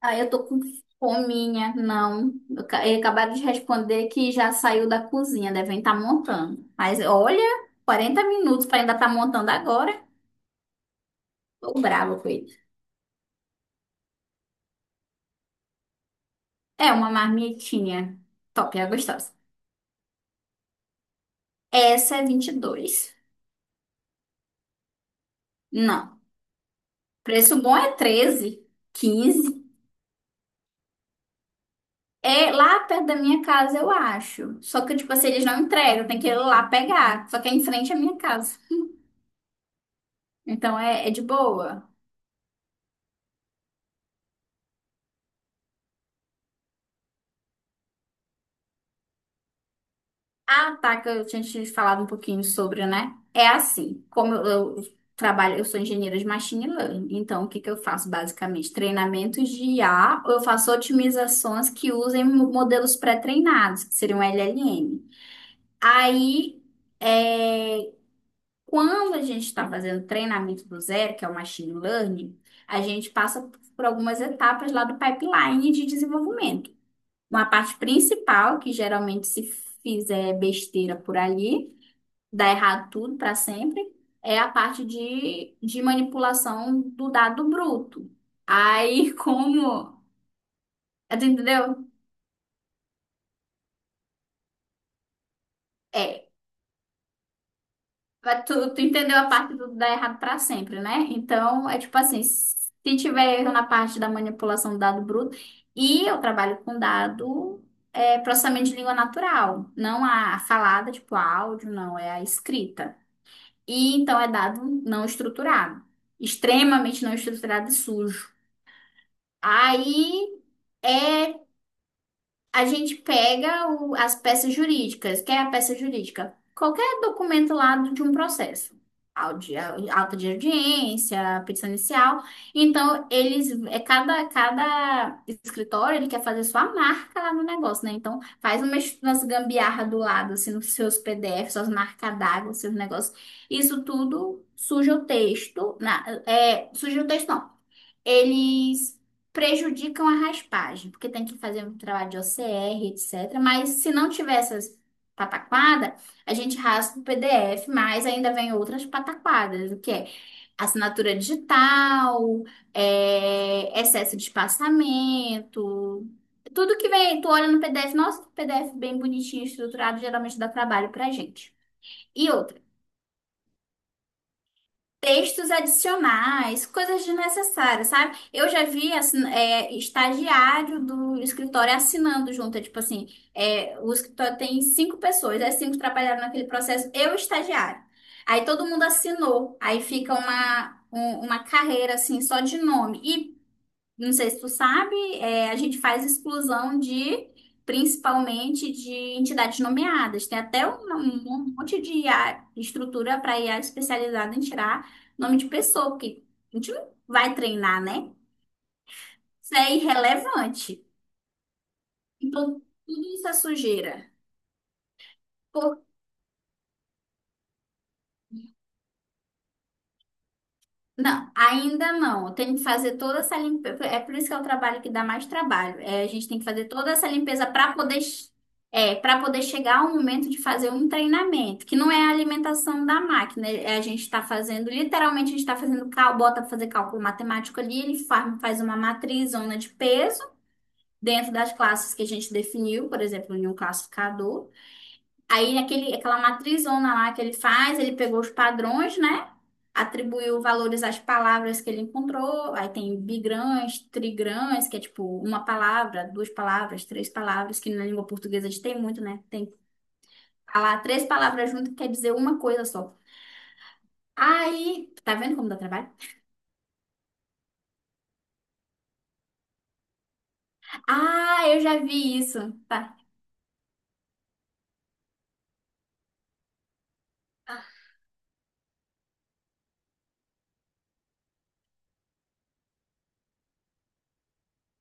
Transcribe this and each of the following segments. Eu tô com fominha, não. Eu acabaram de responder que já saiu da cozinha, devem estar montando. Mas olha, 40 minutos para ainda estar montando agora. Tô brava com ele. É uma marmitinha top, é gostosa. Essa é 22. Não. Preço bom é 13, 15. É lá perto da minha casa, eu acho. Só que, tipo assim, eles não entregam, tem que ir lá pegar. Só que é em frente à minha casa. Então é de boa. Ah, tá, que eu tinha te falado um pouquinho sobre, né? É assim, como eu trabalho, eu sou engenheira de machine learning, então o que que eu faço basicamente? Treinamentos de I A, ou eu faço otimizações que usem modelos pré-treinados, que seriam LLM. Aí, é, quando a gente está fazendo treinamento do zero, que é o machine learning, a gente passa por algumas etapas lá do pipeline de desenvolvimento. Uma parte principal, que geralmente, se fizer besteira por ali, dá errado tudo para sempre, é a parte de manipulação do dado bruto. Aí, como. Tu entendeu? É. Mas tu entendeu a parte do dar errado para sempre, né? Então, é tipo assim: se tiver erro na parte da manipulação do dado bruto, e eu trabalho com dado. É processamento de língua natural, não a falada, tipo áudio, não, é a escrita. E então é dado não estruturado, extremamente não estruturado e sujo. Aí é a gente pega as peças jurídicas. Que é a peça jurídica? Qualquer documento lá de um processo. Auto de audiência, petição inicial. Então, eles, é cada escritório, ele quer fazer sua marca lá no negócio, né? Então, faz umas gambiarra do lado, assim, nos seus PDFs, suas marcas d'água, seus negócios. Isso tudo suja o texto. Suja o texto, não, eles prejudicam a raspagem, porque tem que fazer um trabalho de OCR, etc. Mas se não tiver essas pataquadas, a gente raspa o PDF, mas ainda vem outras pataquadas, o que é assinatura digital, excesso de espaçamento. Tudo que vem, tu olha no PDF, nossa, que PDF bem bonitinho, estruturado, geralmente dá trabalho pra gente. E outra, textos adicionais, coisas desnecessárias, sabe? Eu já vi assim, estagiário do escritório assinando junto, é tipo assim, o escritório tem cinco pessoas, as cinco trabalharam naquele processo, eu e o estagiário. Aí todo mundo assinou, aí fica uma, uma carreira assim, só de nome. E não sei se tu sabe, a gente faz exclusão de, principalmente, de entidades nomeadas. Tem até um monte de IA estrutura para IA especializada em tirar nome de pessoa, porque a gente não vai treinar, né? Isso é irrelevante. Então, tudo isso é sujeira. Por Não, ainda não. Eu tenho que fazer toda essa limpeza. É por isso que é o trabalho que dá mais trabalho. É, a gente tem que fazer toda essa limpeza para poder chegar ao momento de fazer um treinamento, que não é a alimentação da máquina. É, a gente está fazendo, literalmente, a gente está fazendo bota para fazer cálculo matemático ali, ele faz uma matriz, zona de peso, dentro das classes que a gente definiu, por exemplo, em um classificador. Aí aquela matrizona lá que ele faz, ele pegou os padrões, né? Atribuiu valores às palavras que ele encontrou. Aí tem bigrãs, trigrãs, que é tipo uma palavra, duas palavras, três palavras, que na língua portuguesa a gente tem muito, né? Tem lá três palavras juntas que quer dizer uma coisa só. Aí, tá vendo como dá trabalho? Ah, eu já vi isso. Tá.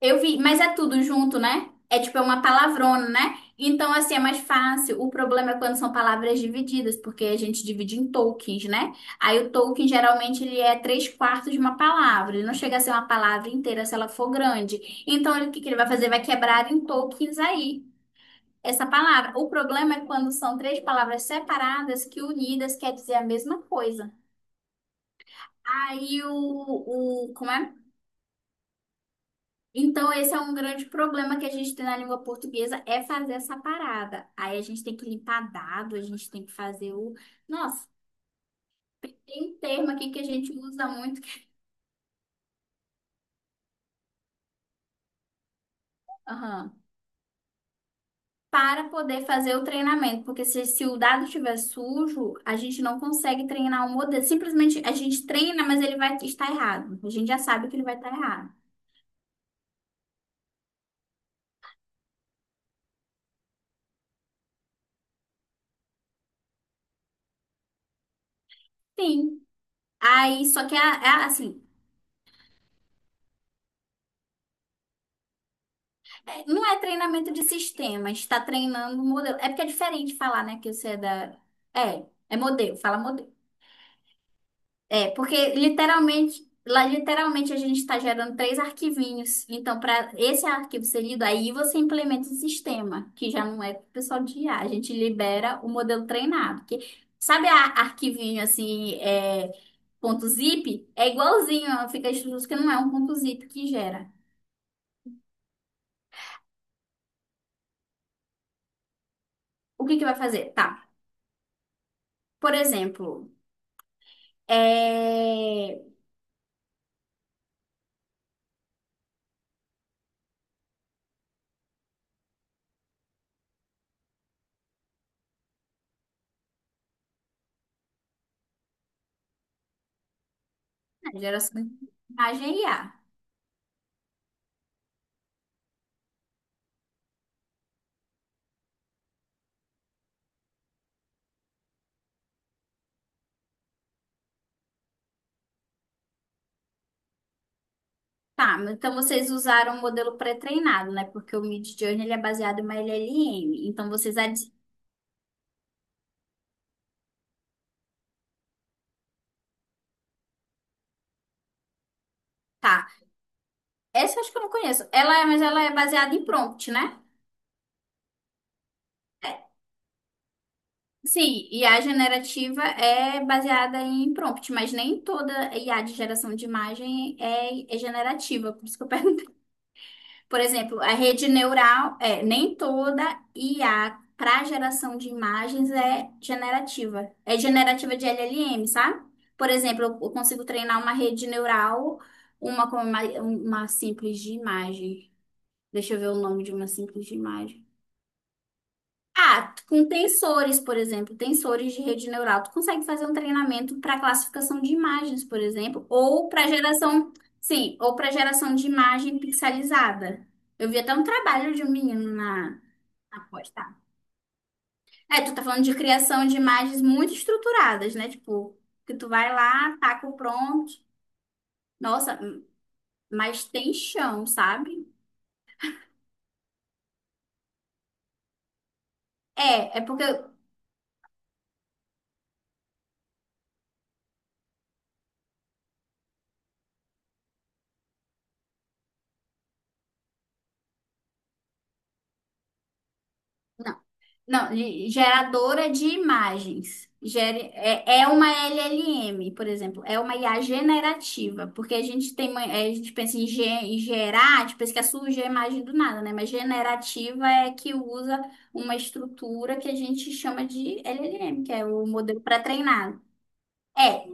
Eu vi, mas é tudo junto, né? É tipo, é uma palavrona, né? Então, assim, é mais fácil. O problema é quando são palavras divididas, porque a gente divide em tokens, né? Aí o token, geralmente, ele é três quartos de uma palavra. Ele não chega a ser uma palavra inteira se ela for grande. Então, o que que ele vai fazer? Vai quebrar em tokens aí, essa palavra. O problema é quando são três palavras separadas que unidas quer dizer a mesma coisa. Aí como é? Então, esse é um grande problema que a gente tem na língua portuguesa, é fazer essa parada. Aí a gente tem que limpar dado, a gente tem que fazer o. Nossa, tem um termo aqui que a gente usa muito, que... Aham. Para poder fazer o treinamento, porque se o dado estiver sujo, a gente não consegue treinar o modelo. Simplesmente a gente treina, mas ele vai estar errado. A gente já sabe que ele vai estar errado. Sim. Aí, só que é assim. Não é treinamento de sistema, está treinando um modelo. É porque é diferente falar, né, que você é da. É modelo, fala modelo. É, porque literalmente, lá literalmente a gente está gerando três arquivinhos. Então, para esse arquivo ser lido, aí você implementa o sistema, que já não é pro pessoal de IA. A gente libera o modelo treinado. Que, sabe a arquivinho assim, ponto zip? É igualzinho, fica escrito que não é um ponto zip que gera. O que que vai fazer? Tá. Por exemplo. É... a geração de imagem IA. Tá, mas então vocês usaram o modelo pré-treinado, né? Porque o Midjourney ele é baseado em uma LLM. Então vocês... Tá, essa eu acho que eu não conheço. Mas ela é baseada em prompt, né? É, Sim, IA generativa é baseada em prompt, mas nem toda IA de geração de imagem é generativa, por isso que eu perguntei. Por exemplo, a rede neural, nem toda IA para geração de imagens é generativa. É generativa de LLM, sabe? Por exemplo, eu consigo treinar uma rede neural, uma com uma simples de imagem. Deixa eu ver o nome de uma simples de imagem. Ah, com tensores, por exemplo, tensores de rede neural, tu consegue fazer um treinamento para classificação de imagens, por exemplo, ou para geração, sim, ou para geração de imagem pixelizada. Eu vi até um trabalho de um menino na pós, tá? É, tu tá falando de criação de imagens muito estruturadas, né? Tipo, que tu vai lá, taca o prompt. Nossa, mas tem chão, sabe? É porque não. Não, geradora de imagens. É uma LLM, por exemplo, é uma IA generativa, porque a gente tem, a gente pensa em, em gerar, tipo, pensa que surge a imagem do nada, né? Mas generativa é que usa uma estrutura que a gente chama de LLM, que é o modelo pré-treinado. É,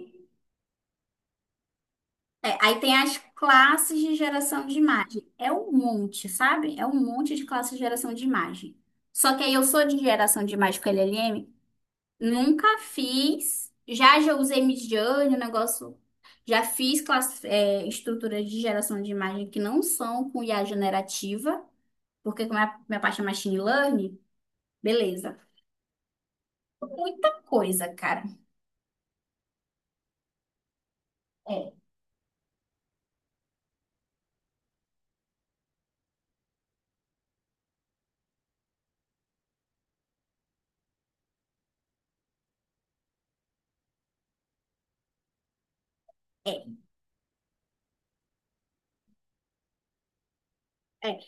Aí tem as classes de geração de imagem. É um monte, sabe? É um monte de classes de geração de imagem. Só que aí eu sou de geração de imagem com LLM. Nunca fiz. Já usei Midjourney, o negócio. Já fiz classe, estruturas de geração de imagem que não são com IA generativa, porque como é a minha parte é machine learning, beleza. Muita coisa, cara. É, é, é.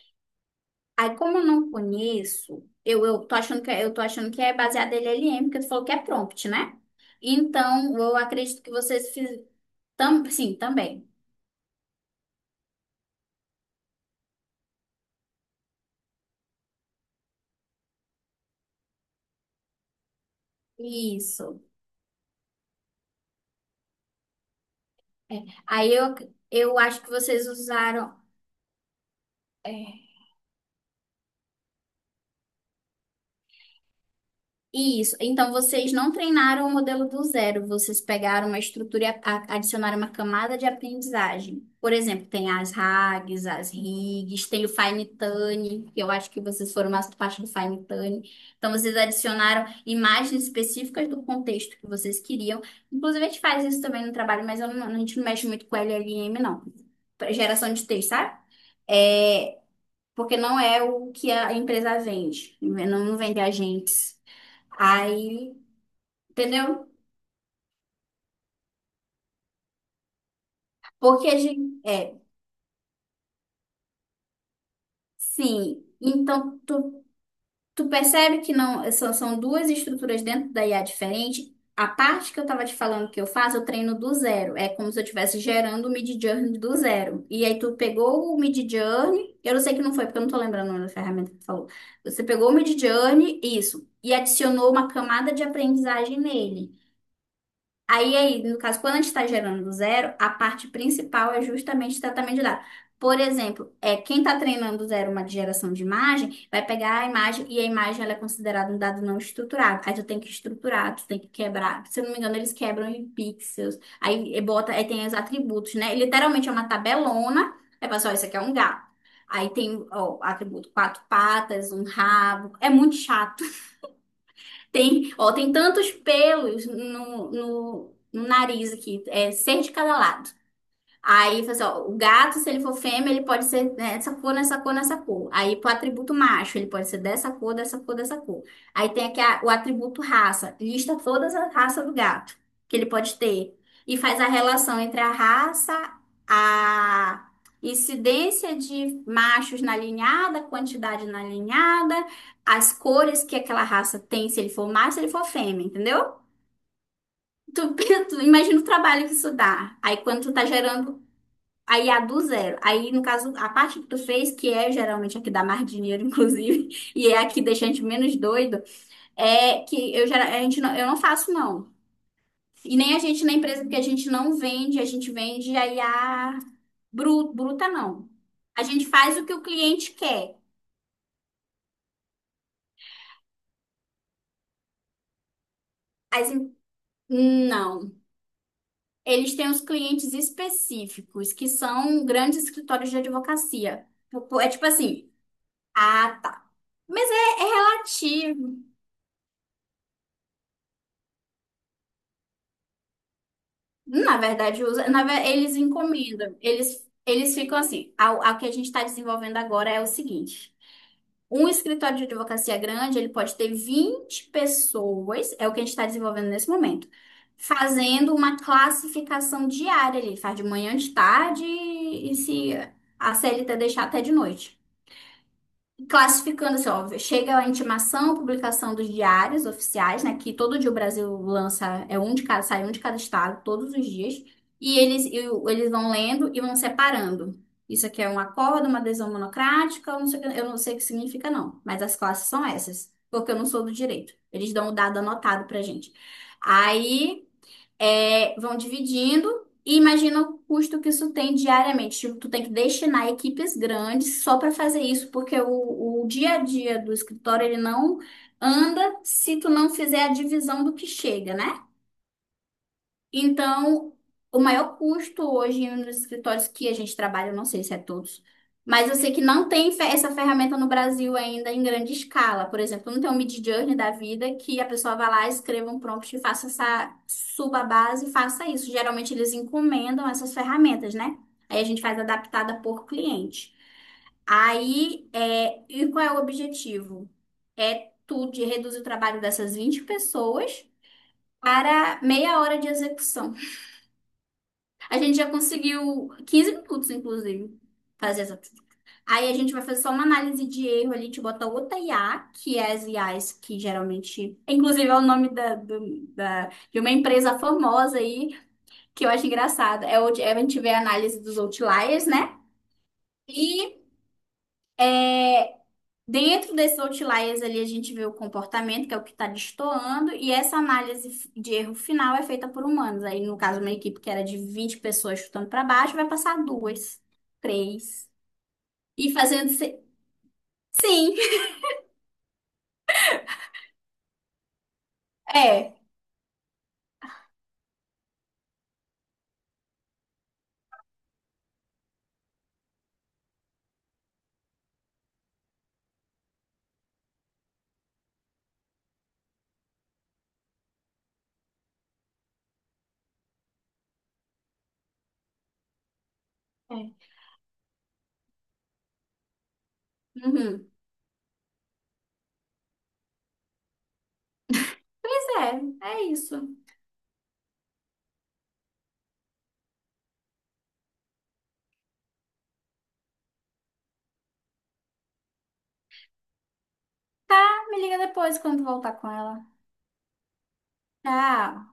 Aí como eu não conheço, eu tô achando que é- eu tô achando que é baseado em LLM, porque tu falou que é prompt, né? Então, eu acredito que vocês também. Isso. É. Aí eu acho que vocês usaram. É. Isso. Então, vocês não treinaram o modelo do zero, vocês pegaram uma estrutura e adicionaram uma camada de aprendizagem. Por exemplo, tem as RAGs, as RIGs, tem o Fine-Tune, que eu acho que vocês foram mais parte do Fine-Tune. Então, vocês adicionaram imagens específicas do contexto que vocês queriam. Inclusive, a gente faz isso também no trabalho, mas eu não- a gente não mexe muito com LLM, não. Pra geração de texto, sabe? É, porque não é o que a empresa vende, não, não vende agentes. Aí, entendeu? Porque a gente, sim. Então, tu percebe que não são, são duas estruturas dentro da IA diferente. A parte que eu tava te falando que eu faço, eu treino do zero. É como se eu estivesse gerando o Midjourney do zero. E aí tu pegou o Midjourney, eu não sei que não foi, porque eu não tô lembrando o nome da ferramenta que tu falou. Você pegou o Midjourney, isso, e adicionou uma camada de aprendizagem nele. Aí, no caso, quando a gente está gerando do zero, a parte principal é justamente o tratamento de dados. Por exemplo, quem está treinando do zero uma geração de imagem, vai pegar a imagem e a imagem ela é considerada um dado não estruturado. Aí tu tem que estruturar, tu tem que quebrar. Se eu não me engano, eles quebram em pixels. Aí bota, aí tem os atributos, né? Literalmente é uma tabelona. É pessoal, isso aqui é um gato. Aí tem, ó, atributo quatro patas, um rabo. É muito chato. Tem, ó, tem tantos pelos no nariz aqui, é seis de cada lado. Aí, falou assim, ó, o gato, se ele for fêmea, ele pode ser nessa cor, nessa cor, nessa cor. Aí, pro atributo macho, ele pode ser dessa cor, dessa cor, dessa cor. Aí tem aqui o atributo raça. Lista todas as raças do gato que ele pode ter. E faz a relação entre a raça, a incidência de machos na alinhada quantidade na alinhada as cores que aquela raça tem, se ele for macho, se ele for fêmea, entendeu? Tu, tu imagina o trabalho que isso dá. Aí quando tu tá gerando. Aí a do zero. Aí, no caso, a parte que tu fez, que é geralmente a que dá mais dinheiro, inclusive, e é a que deixa a gente menos doido, é que eu, a gente não, eu não faço, não. E nem a gente na empresa, porque a gente não vende, a gente vende aí a bruta, não. A gente faz o que o cliente quer. As, em- não. Eles têm os clientes específicos, que são grandes escritórios de advocacia. Tipo, é tipo assim, ah, tá. Mas é relativo. Na verdade, usa, eles encomendam. Eles ficam assim. A que a gente está desenvolvendo agora é o seguinte. Um escritório de advocacia grande, ele pode ter 20 pessoas, é o que a gente está desenvolvendo nesse momento, fazendo uma classificação diária. Ele faz de manhã, de tarde e se a CLT deixar até de noite, classificando assim, ó, chega a intimação, publicação dos diários oficiais, né, que todo dia o Brasil lança, é um de cada, sai um de cada estado, todos os dias, e eles, eles vão lendo e vão separando. Isso aqui é um acordo, uma adesão monocrática, eu não sei, eu não sei o que significa, não, mas as classes são essas, porque eu não sou do direito. Eles dão o dado anotado pra gente. Aí. É, vão dividindo e imagina o custo que isso tem diariamente. Tipo, tu tem que destinar equipes grandes só para fazer isso, porque o dia a dia do escritório ele não anda se tu não fizer a divisão do que chega, né? Então, o maior custo hoje nos escritórios que a gente trabalha, eu não sei se é todos, mas eu sei que não tem essa ferramenta no Brasil ainda em grande escala. Por exemplo, não tem um Midjourney da vida que a pessoa vá lá, escreva um prompt e faça essa, suba a base e faça isso. Geralmente eles encomendam essas ferramentas, né? Aí a gente faz adaptada por cliente. Aí, é, e qual é o objetivo? É tu de reduzir o trabalho dessas 20 pessoas para meia hora de execução. A gente já conseguiu 15 minutos, inclusive, fazer essa. Aí a gente vai fazer só uma análise de erro ali, te bota outra IA, que é as IAs que geralmente. Inclusive, é o nome da, de uma empresa famosa aí, que eu acho engraçado. É, é a gente vê a análise dos outliers, né? E dentro desses outliers ali, a gente vê o comportamento, que é o que está destoando, e essa análise de erro final é feita por humanos. Aí, no caso, uma equipe que era de 20 pessoas chutando para baixo, vai passar duas, três. E fazendo. Sim, é. É. Uhum. Pois é, é isso. Ah, me liga depois quando voltar com ela. Tchau.